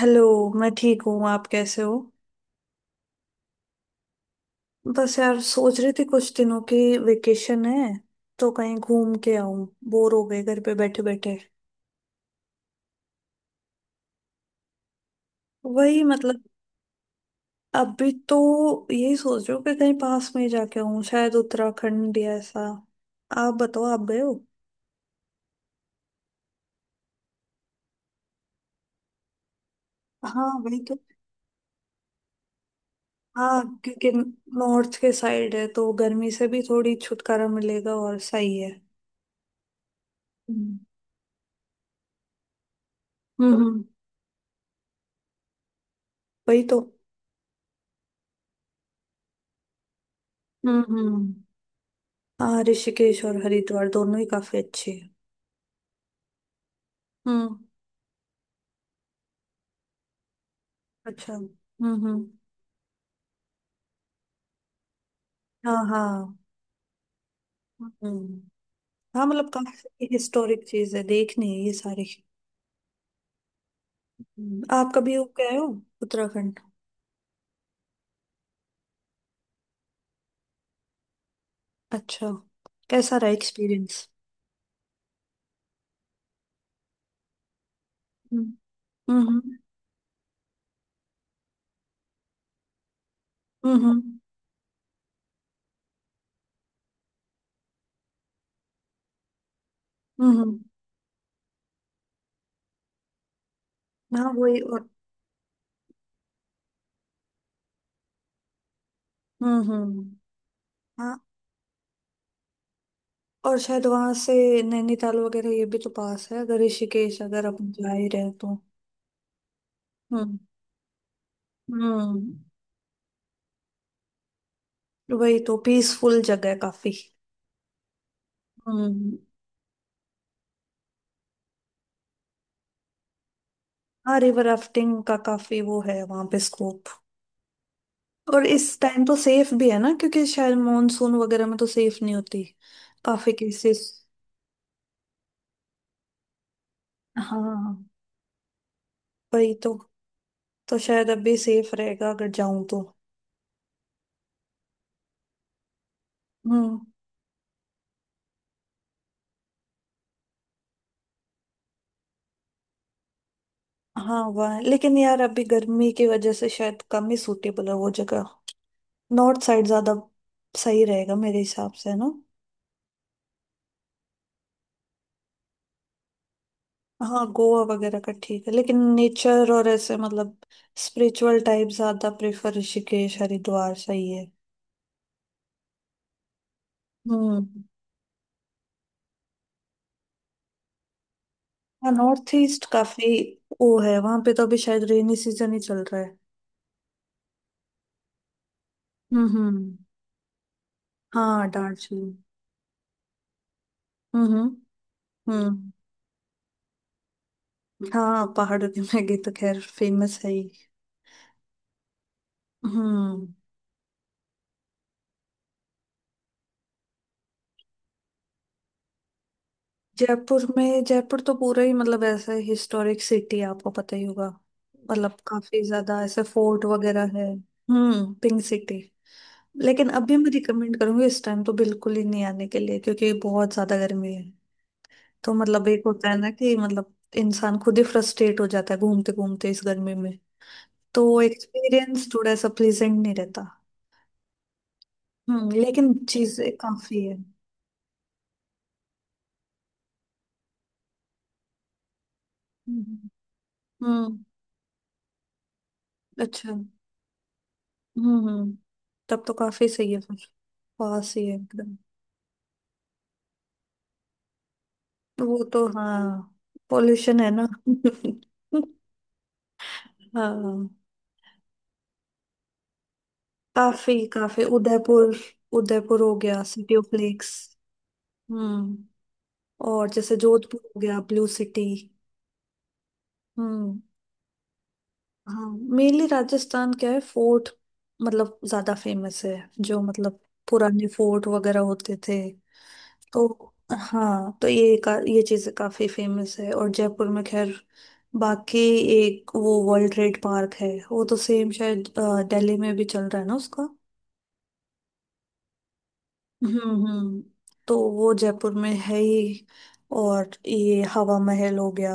Hello. मैं ठीक हूँ, आप कैसे हो? बस यार, सोच रही थी कुछ दिनों की वेकेशन है तो कहीं घूम के आऊं। बोर हो गए घर पे बैठे बैठे। वही मतलब अभी तो यही सोच रही हूँ कि कहीं पास में ही जाके आऊं, शायद उत्तराखंड या ऐसा। आप बताओ, आप गए हो? हाँ, वही तो। हाँ क्योंकि नॉर्थ के साइड है तो गर्मी से भी थोड़ी छुटकारा मिलेगा और सही है। हम्म। हम्म, वही तो। हम्म। हम्म। हाँ, ऋषिकेश और हरिद्वार दोनों ही काफी अच्छे हैं। हम्म। अच्छा। हम्म। हम्म। हाँ, हाँ। हम्म। हाँ मतलब काफी हिस्टोरिक चीज है, देखनी है ये सारी। आप कभी हो गए हो उत्तराखंड? अच्छा, कैसा रहा एक्सपीरियंस? हम्म। हम्म। हम्म। हम्म। हाँ वही, और। हम्म। हम्म। हाँ, और शायद वहां से नैनीताल वगैरह ये भी तो पास है अगर ऋषिकेश अगर अपन जा ही रहे तो। हम्म। हम्म। वही तो, पीसफुल जगह है काफी। हम्म। हाँ, रिवर राफ्टिंग का काफी वो है वहां पे स्कोप। और इस टाइम तो सेफ भी है ना, क्योंकि शायद मॉनसून वगैरह में तो सेफ नहीं होती, काफी केसेस। हाँ, वही तो। तो शायद अभी सेफ रहेगा अगर जाऊं तो। हम्म। हाँ वह, लेकिन यार अभी गर्मी की वजह से शायद कम ही सूटेबल है वो जगह। नॉर्थ साइड ज्यादा सही रहेगा मेरे हिसाब से, ना? हाँ, गोवा वगैरह का ठीक है, लेकिन नेचर और ऐसे मतलब स्पिरिचुअल टाइप ज्यादा प्रेफर, ऋषिकेश हरिद्वार सही है। हम्म। हाँ, नॉर्थ ईस्ट काफी वो है, वहां पे तो अभी शायद रेनी सीजन ही चल रहा है। हम्म। हम्म। हाँ, दार्जिलिंग। हम्म। हम्म। हम्म। हाँ, पहाड़ों की मैगी तो खैर फेमस है ही। हम्म। जयपुर में, जयपुर तो पूरा ही मतलब ऐसा हिस्टोरिक सिटी है, आपको पता ही होगा। मतलब काफी ज्यादा ऐसे फोर्ट वगैरह है। हम्म, पिंक सिटी। लेकिन अभी मैं रिकमेंड करूंगी इस टाइम तो बिल्कुल ही नहीं आने के लिए, क्योंकि बहुत ज्यादा गर्मी है। तो मतलब एक होता है ना कि मतलब इंसान खुद ही फ्रस्ट्रेट हो जाता है घूमते घूमते इस गर्मी में। तो वो एक्सपीरियंस थोड़ा सा प्लेजेंट नहीं रहता। हम्म, लेकिन चीजें काफी है। हम्म। हम्म, अच्छा। हम्म। हम्म। तब तो काफी सही है फिर, पास ही है एकदम। वो तो हाँ, पोल्यूशन है ना। हाँ। काफी काफी, उदयपुर। उदयपुर हो गया, सिटी ऑफ लेक्स। हम्म। और जैसे जोधपुर हो गया, ब्लू सिटी। हम्म। हाँ, मेनली राजस्थान क्या है, फोर्ट मतलब ज्यादा फेमस है, जो मतलब पुराने फोर्ट वगैरह होते थे। तो हाँ, तो ये चीज काफी फेमस है। और जयपुर में खैर बाकी, एक वो वर्ल्ड ट्रेड पार्क है, वो तो सेम शायद दिल्ली में भी चल रहा है ना उसका। हम्म। हम्म। तो वो जयपुर में है ही, और ये हवा महल हो गया,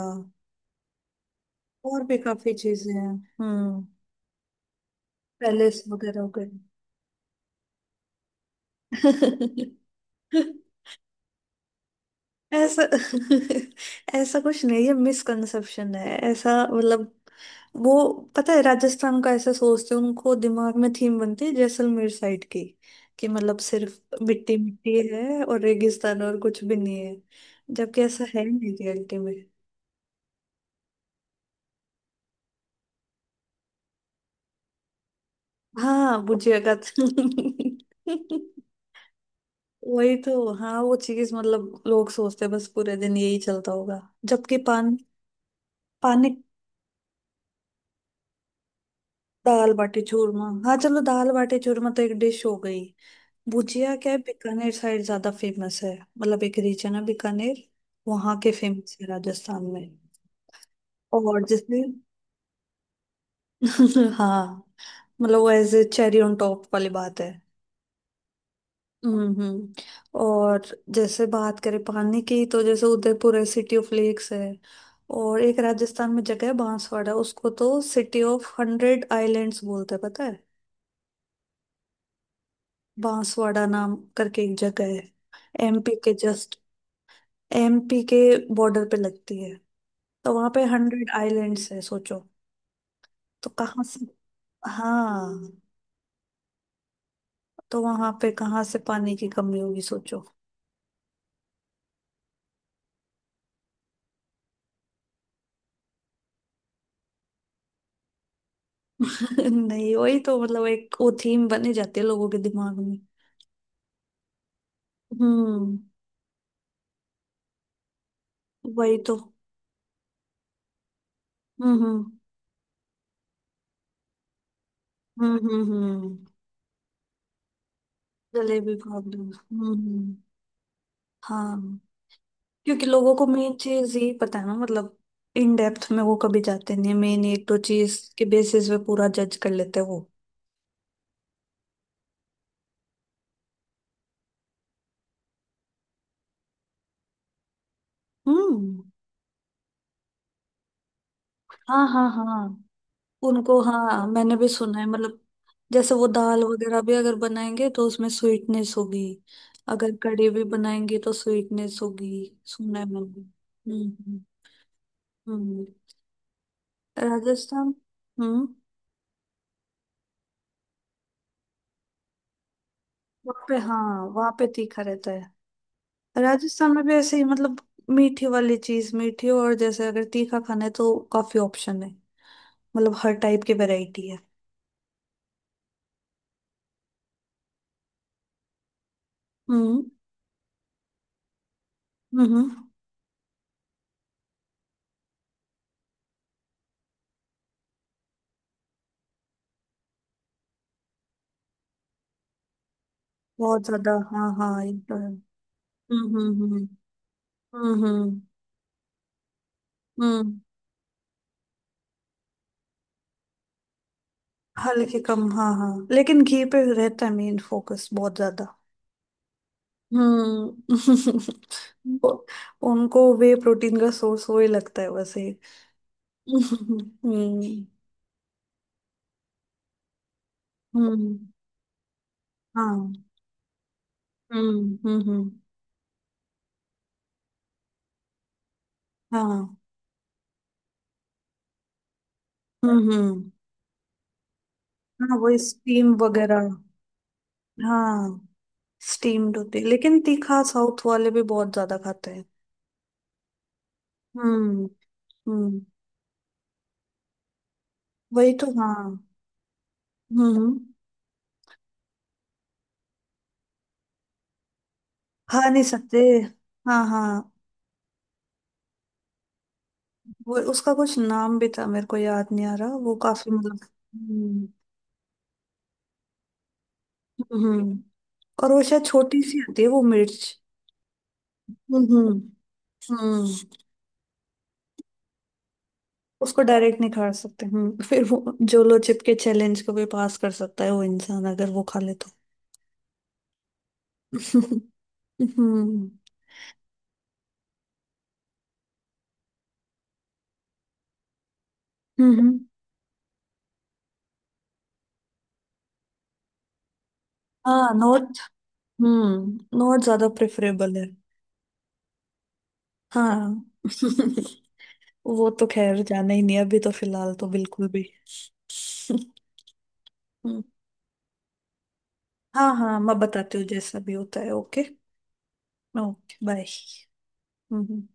और भी काफी चीजें हैं। हम्म, पैलेस वगैरह हो गए। ऐसा, ऐसा कुछ नहीं है, मिसकंसेप्शन है ऐसा। मतलब वो, पता है राजस्थान का ऐसा सोचते हैं, उनको दिमाग में थीम बनती है जैसलमेर साइड की कि मतलब सिर्फ मिट्टी मिट्टी है और रेगिस्तान और कुछ भी नहीं है, जबकि ऐसा है ही नहीं रियलिटी में। हाँ, बुझिया का। वही तो, हाँ वो चीज मतलब लोग सोचते हैं बस पूरे दिन यही चलता होगा। जबकि पान, पानी, दाल बाटी चूरमा हाँ, चलो दाल बाटी चूरमा तो एक डिश हो गई। भुजिया क्या है बीकानेर साइड ज्यादा फेमस है, मतलब एक रीजन है बीकानेर, वहां के फेमस है राजस्थान में। और जैसे, हाँ मतलब वो as a cherry on top वाली बात है। हम्म। हम्म। और जैसे बात करें पानी की, तो जैसे उदयपुर है, सिटी ऑफ लेक्स है। और एक राजस्थान में जगह है बांसवाड़ा, उसको तो सिटी ऑफ हंड्रेड आइलैंड्स बोलते हैं, पता है? बांसवाड़ा नाम करके एक जगह है, एमपी के जस्ट, एमपी के बॉर्डर पे लगती है। तो वहां पे हंड्रेड आइलैंड्स है, सोचो। तो कहाँ से, हाँ, तो वहां पे कहाँ से पानी की कमी होगी, सोचो। नहीं वही तो, मतलब एक वो थीम बनी जाती है लोगों के दिमाग में। हम्म, वही तो। हम्म। हम्म। हम्म। हम्म। जलेबी प्रॉब्लम। हम्म। हाँ क्योंकि लोगों को मेन चीज यही पता है ना, मतलब इन डेप्थ में वो कभी जाते नहीं, मेन एक दो चीज के बेसिस पे पूरा जज कर लेते हैं वो। हम्म। हाँ हाँ हाँ, उनको हाँ मैंने भी सुना है, मतलब जैसे वो दाल वगैरह भी अगर बनाएंगे तो उसमें स्वीटनेस होगी। अगर कड़ी भी बनाएंगे तो स्वीटनेस होगी, सुना है मैंने। हम्म। हम्म। हम्म। राजस्थान। हम्म। वहाँ पे हाँ, वहाँ पे तीखा रहता है। राजस्थान में भी ऐसे ही मतलब, मीठी वाली चीज मीठी, और जैसे अगर तीखा खाना है तो काफी ऑप्शन है, मतलब हर टाइप की वैरायटी है। हम्म। हम्म। बहुत ज्यादा हाँ हाँ, ये तो है। हम्म। हम्म। हम्म। हम्म। हम्म। हम्म, हल्के कम हाँ हाँ, लेकिन घी पे रहता है मेन फोकस बहुत ज्यादा। हम्म। वो- उनको वे प्रोटीन का सोर्स वही लगता है वैसे। हम्म। हम्म। हाँ। हम्म। हम्म। हाँ। हम्म। हम्म। हाँ, वही स्टीम वगैरह, हाँ स्टीम्ड होते हैं। लेकिन तीखा साउथ वाले भी बहुत ज्यादा खाते हैं। हम्म। हम्म। वही तो हाँ। हम्म, खा नहीं सकते। हाँ हाँ, वो उसका कुछ नाम भी था, मेरे को याद नहीं आ रहा, वो काफी मतलब। हम्म। हम्म। और वो शायद छोटी सी होती है वो मिर्च। हम्म। हम्म। उसको डायरेक्ट नहीं खा सकते। हम्म, फिर वो जो लो चिप के चैलेंज को भी पास कर सकता है वो इंसान, अगर वो खा ले तो। हम्म। हम्म। हाँ नॉट, नॉट ज्यादा प्रेफरेबल है। हाँ। वो तो खैर जाना ही नहीं है, अभी तो फिलहाल तो बिल्कुल भी। हम्म, हाँ हाँ, मैं बताती हूँ जैसा भी होता है, ओके। Okay, bye. हम्म।